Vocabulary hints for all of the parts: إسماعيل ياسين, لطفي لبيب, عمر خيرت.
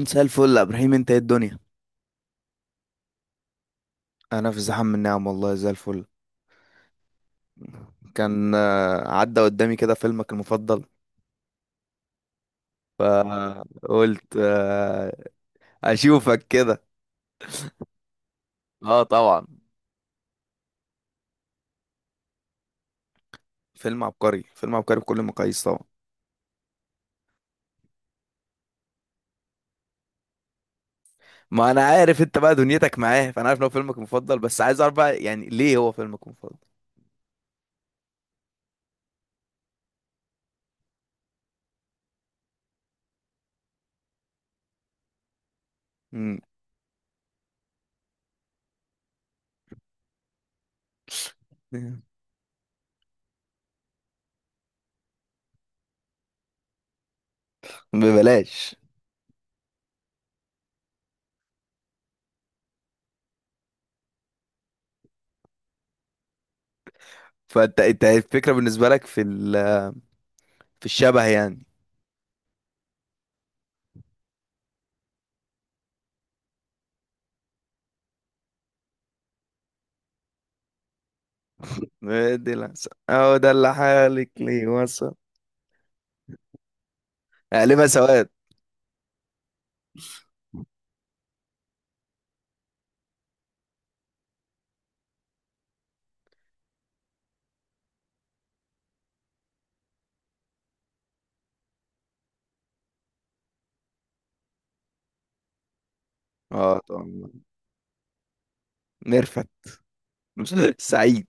مساء الفل يا ابراهيم، انت ايه الدنيا؟ انا في زحام من نعم، والله زي الفل. كان عدى قدامي كده فيلمك المفضل، فقلت اشوفك كده. اه طبعا، فيلم عبقري فيلم عبقري بكل المقاييس طبعا. ما انا عارف انت بقى دنيتك معاه، فانا عارف ان هو فيلمك المفضل، بس عايز اعرف بقى يعني ليه هو فيلمك المفضل. مم. ببلاش. فانت انت الفكرة بالنسبة لك في الشبه يعني. دي لا- اهو ده اللي حالك ليه وصل. قلبها سواد. اه طبعا. ميرفت. سعيد.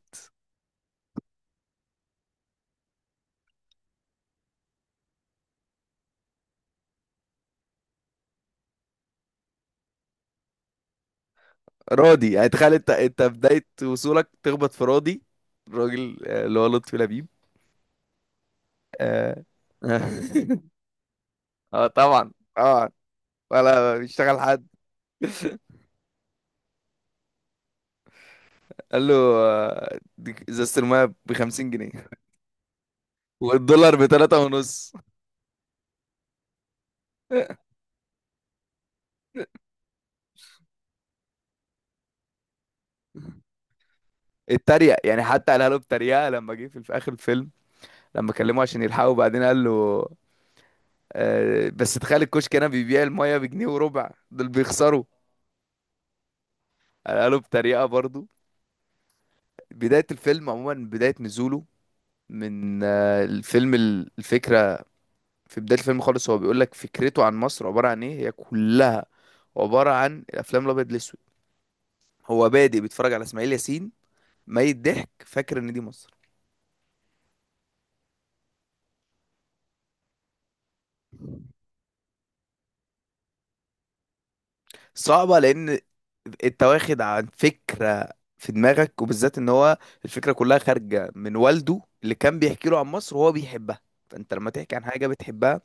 راضي، يعني تخيل انت بداية وصولك تخبط في راضي، الراجل اللي هو لطفي لبيب. اه. طبعا. اه. ولا بيشتغل حد. قال له دي ازازة المايه ب 50 جنيه والدولار ب 3 ونص. اتريق يعني، حتى قالها له بتريقة لما جه في اخر الفيلم، لما كلمه عشان يلحقه بعدين قال له بس تخيل الكشك هنا بيبيع المايه بجنيه وربع، دول بيخسروا. قالوا بطريقة برضو. بداية الفيلم عموما، بداية نزوله من الفيلم الفكرة في بداية الفيلم خالص، هو بيقول لك فكرته عن مصر عبارة عن ايه، هي كلها عبارة عن الافلام الابيض الاسود. هو بادئ بيتفرج على اسماعيل ياسين، ميت ضحك، فاكر ان دي مصر. صعبة، لان انت واخد عن فكرة في دماغك، وبالذات ان هو الفكرة كلها خارجة من والده اللي كان بيحكي له عن مصر وهو بيحبها، فانت لما تحكي عن حاجة بتحبها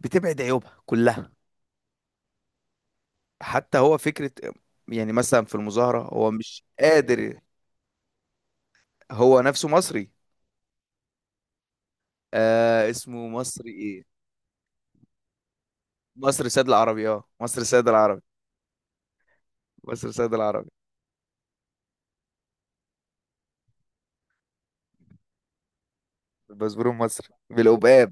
بتبعد عيوبها كلها. حتى هو فكرة، يعني مثلا في المظاهرة هو مش قادر. هو نفسه مصري. اسمه مصري ايه. مصر سيد العربي. اه مصر سيد العربي. مصر سيد العربي. الباسبور المصري بالقباب.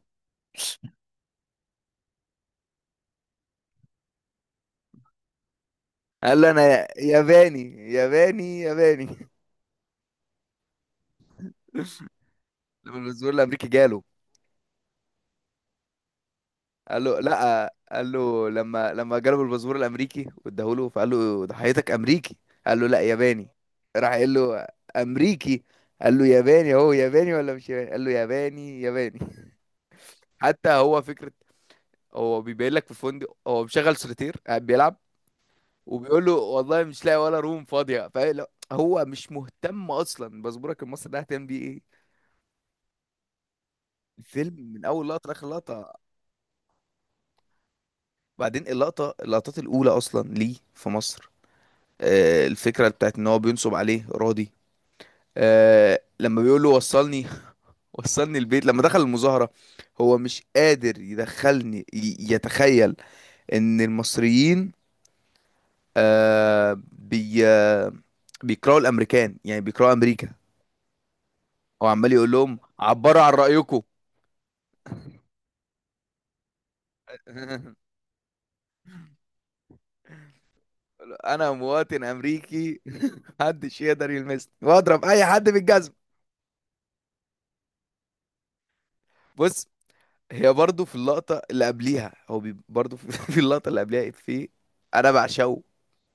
قال له انا ياباني ياباني ياباني. لما الباسبور الامريكي جاله، قال له لا، قال له لما جاله الباسبور الامريكي واداه له، فقال له ضحيتك امريكي. قال له لا ياباني. راح قال له امريكي. قال له ياباني، هو ياباني ولا مش ياباني؟ قال له ياباني ياباني. حتى هو فكرة، هو بيبين لك في الفندق هو مشغل سوليتير قاعد بيلعب، وبيقول له والله مش لاقي ولا روم فاضية، فهو مش مهتم أصلا. باسبورك المصري ده هتعمل بيه إيه؟ الفيلم من أول لقطة لآخر لقطة. بعدين اللقطات الأولى أصلا ليه في مصر، الفكرة بتاعت ان هو بينصب عليه راضي، لما بيقول له وصلني، وصلني البيت. لما دخل المظاهرة، هو مش قادر يدخلني، يتخيل ان المصريين آه، بي آه، بيكرهوا الامريكان، يعني بيكرهوا امريكا. هو عمال يقول لهم عبروا عن رأيكم. انا مواطن امريكي، محدش يقدر يلمسني، واضرب اي حد بالجزم. بص، هي برضو في اللقطة اللي قبليها، هو برضو في، في اللقطة اللي قبليها، في أنا بعشقه.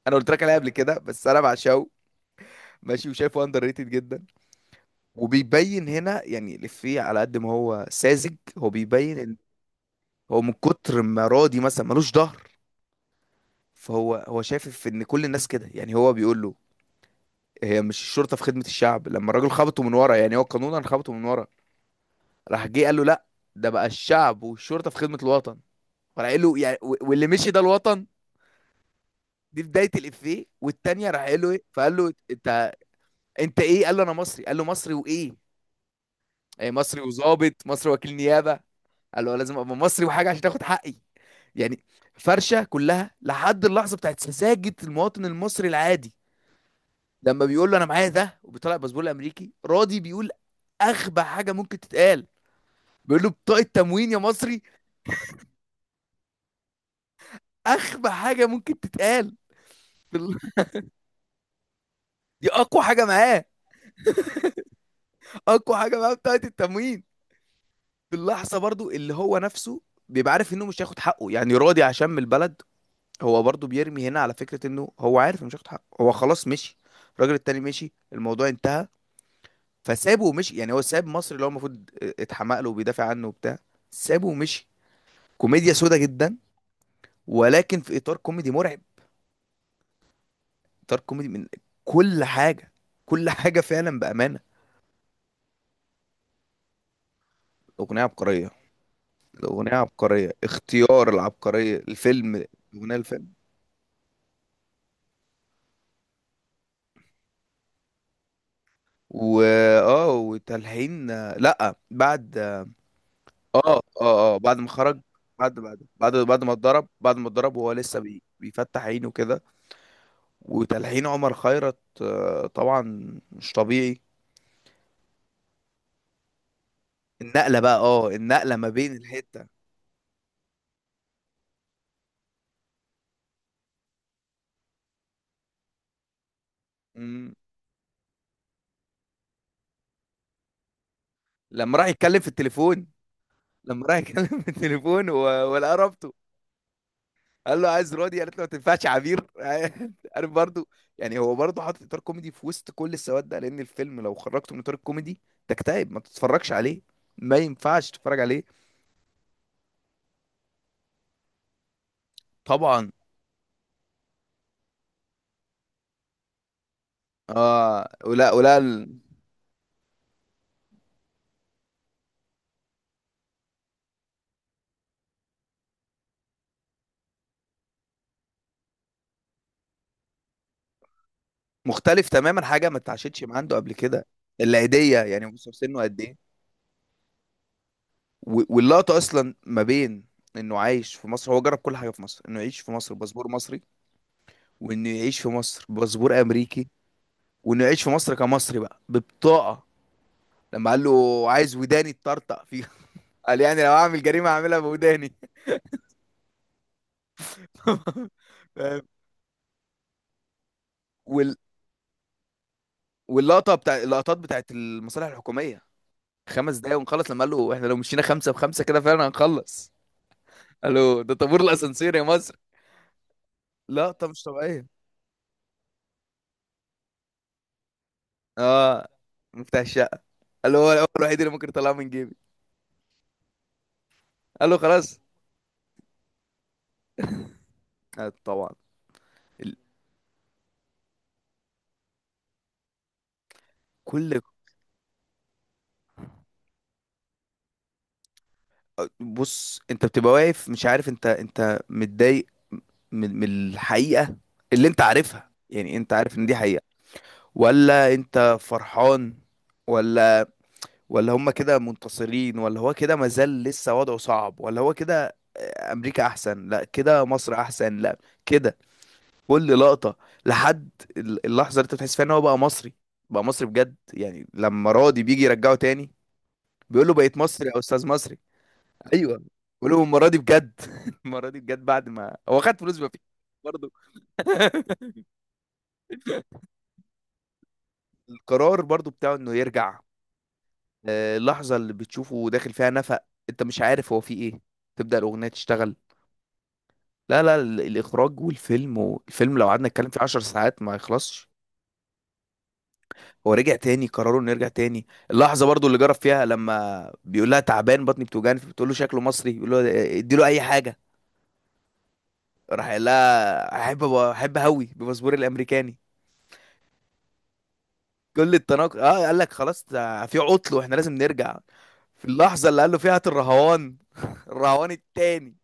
أنا قلت لك عليها قبل كده، بس أنا بعشقه. ماشي، وشايفه أندر ريتد جدا. وبيبين هنا يعني الإفيه، على قد ما هو ساذج هو بيبين إن هو من كتر ما راضي مثلا ملوش ظهر، فهو شايف في إن كل الناس كده، يعني هو بيقول له هي مش الشرطة في خدمة الشعب؟ لما الراجل خبطه من ورا، يعني هو قانونا خبطه من ورا، راح جه قال له لا، ده بقى الشعب والشرطة في خدمة الوطن. فراح قال له يعني واللي مشي ده الوطن. دي بدايه الافيه، والتانيه راح قال له ايه، فقال له انت ايه، قال له انا مصري، قال له مصري وايه؟ إيه مصري؟ وظابط مصري وكيل نيابه. قال له لازم ابقى مصري وحاجه عشان تاخد حقي، يعني. فرشه كلها لحد اللحظه بتاعت سذاجه المواطن المصري العادي. لما بيقول له انا معايا ده، وبيطلع الباسبور الامريكي، راضي بيقول اغبى حاجه ممكن تتقال، بيقول له بطاقه تموين يا مصري. اغبى حاجه ممكن تتقال. بال- دي اقوى حاجه معاه. اقوى حاجه معاه بطاقه التموين. في اللحظة برضو اللي هو نفسه بيبقى عارف انه مش هياخد حقه، يعني راضي عشان من البلد، هو برضو بيرمي هنا على فكرة انه هو عارف انه مش هياخد حقه. هو خلاص مشي، الراجل التاني مشي، الموضوع انتهى، فسابه ومشي. يعني هو ساب مصر اللي هو المفروض اتحمق له وبيدافع عنه وبتاع، سابه ومشي. كوميديا سودا جدا، ولكن في اطار كوميدي مرعب، اطار كوميدي من كل حاجة، كل حاجة فعلا بأمانة. الأغنية عبقرية. الأغنية عبقرية، اختيار العبقرية الفيلم. الأغنية. و، اه وتلحين. لا بعد. اه اه اه بعد ما خرج. بعد ما اتضرب، بعد ما اتضرب وهو لسه بيفتح عينه كده. وتلحين عمر خيرت طبعا مش طبيعي. النقلة بقى، النقلة ما بين الحتة. مم. لما راح يتكلم في التليفون، لما راح يتكلم في التليفون و- ولقى رابطه، قال له عايز رودي، قالت له ما تنفعش عبير. عارف برضو، يعني هو برضو حاطط اطار كوميدي في وسط كل السواد ده، لان الفيلم لو خرجته من اطار الكوميدي تكتئب، ما تتفرجش عليه، ما ينفعش تتفرج عليه. طبعا. اه، مختلف تماما، حاجه ما اتعاشتش مع عنده قبل كده. العيديه، يعني بص سنه قد ايه، واللقطه اصلا ما بين انه عايش في مصر، هو جرب كل حاجه في مصر، انه يعيش في مصر باسبور مصري، وانه يعيش في مصر باسبور امريكي، وانه يعيش في مصر كمصري بقى ببطاقه. لما قال له عايز وداني تطرطق فيها، قال يعني لو اعمل جريمه اعملها بوداني. فاهم. وال... واللقطه اللقطات بتاعت المصالح الحكوميه. 5 دقايق ونخلص، لما قال له احنا لو مشينا خمسه بخمسه كده فعلا هنخلص، قال له ده طابور الاسانسير يا مصر. لقطه مش طبيعيه. اه، مفتاح الشقه. قال له هو هو الوحيد اللي ممكن يطلعه من جيبي. قال له خلاص. طبعا. ال- كل. بص، انت بتبقى واقف مش عارف انت متضايق من الحقيقة اللي انت عارفها، يعني انت عارف ان دي حقيقة، ولا انت فرحان، ولا، ولا هم كده منتصرين، ولا هو كده مازال لسه وضعه صعب، ولا هو كده امريكا احسن، لا كده مصر احسن، لا كده، كل لقطة لحد اللحظة اللي انت بتحس فيها ان هو بقى مصري، بقى مصري بجد، يعني لما راضي بيجي يرجعه تاني بيقول له بقيت مصري يا استاذ مصري. ايوه. ولو المره دي بجد، المره دي بجد بعد ما هو خد فلوس ما فيه، برضه. القرار برضه بتاعه انه يرجع، اللحظه اللي بتشوفه داخل فيها نفق، انت مش عارف هو فيه ايه، تبدا الاغنيه تشتغل. لا لا، الاخراج والفيلم لو قعدنا نتكلم فيه 10 ساعات ما يخلصش. هو رجع تاني، قرروا انه يرجع تاني، اللحظه برضو اللي جرب فيها لما بيقول لها تعبان، بطني بتوجعني، بتقول له شكله مصري، بيقول له ادي له اي حاجه، راح قال لها احب هوي بباسبوري الامريكاني. كل التناقض، قال لك خلاص ده في عطل واحنا لازم نرجع. في اللحظة اللي قال له فيها هات الرهوان، الرهوان التاني.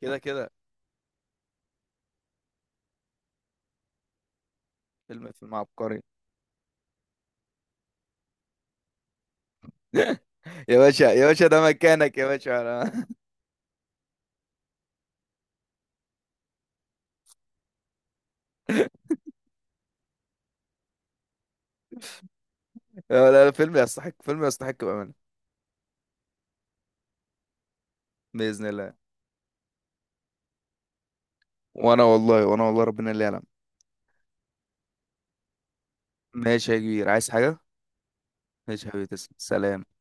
كده كده. فيلم فيلم عبقري. يا باشا يا باشا ده مكانك يا باشا، أنا. لا لا، فيلم يستحق، فيلم يستحق بأمانة. بإذن الله. وانا والله، وانا والله ربنا اللي يعلم. ماشي يا كبير، عايز حاجة؟ ماشي يا حبيبي، تسلم، سلام.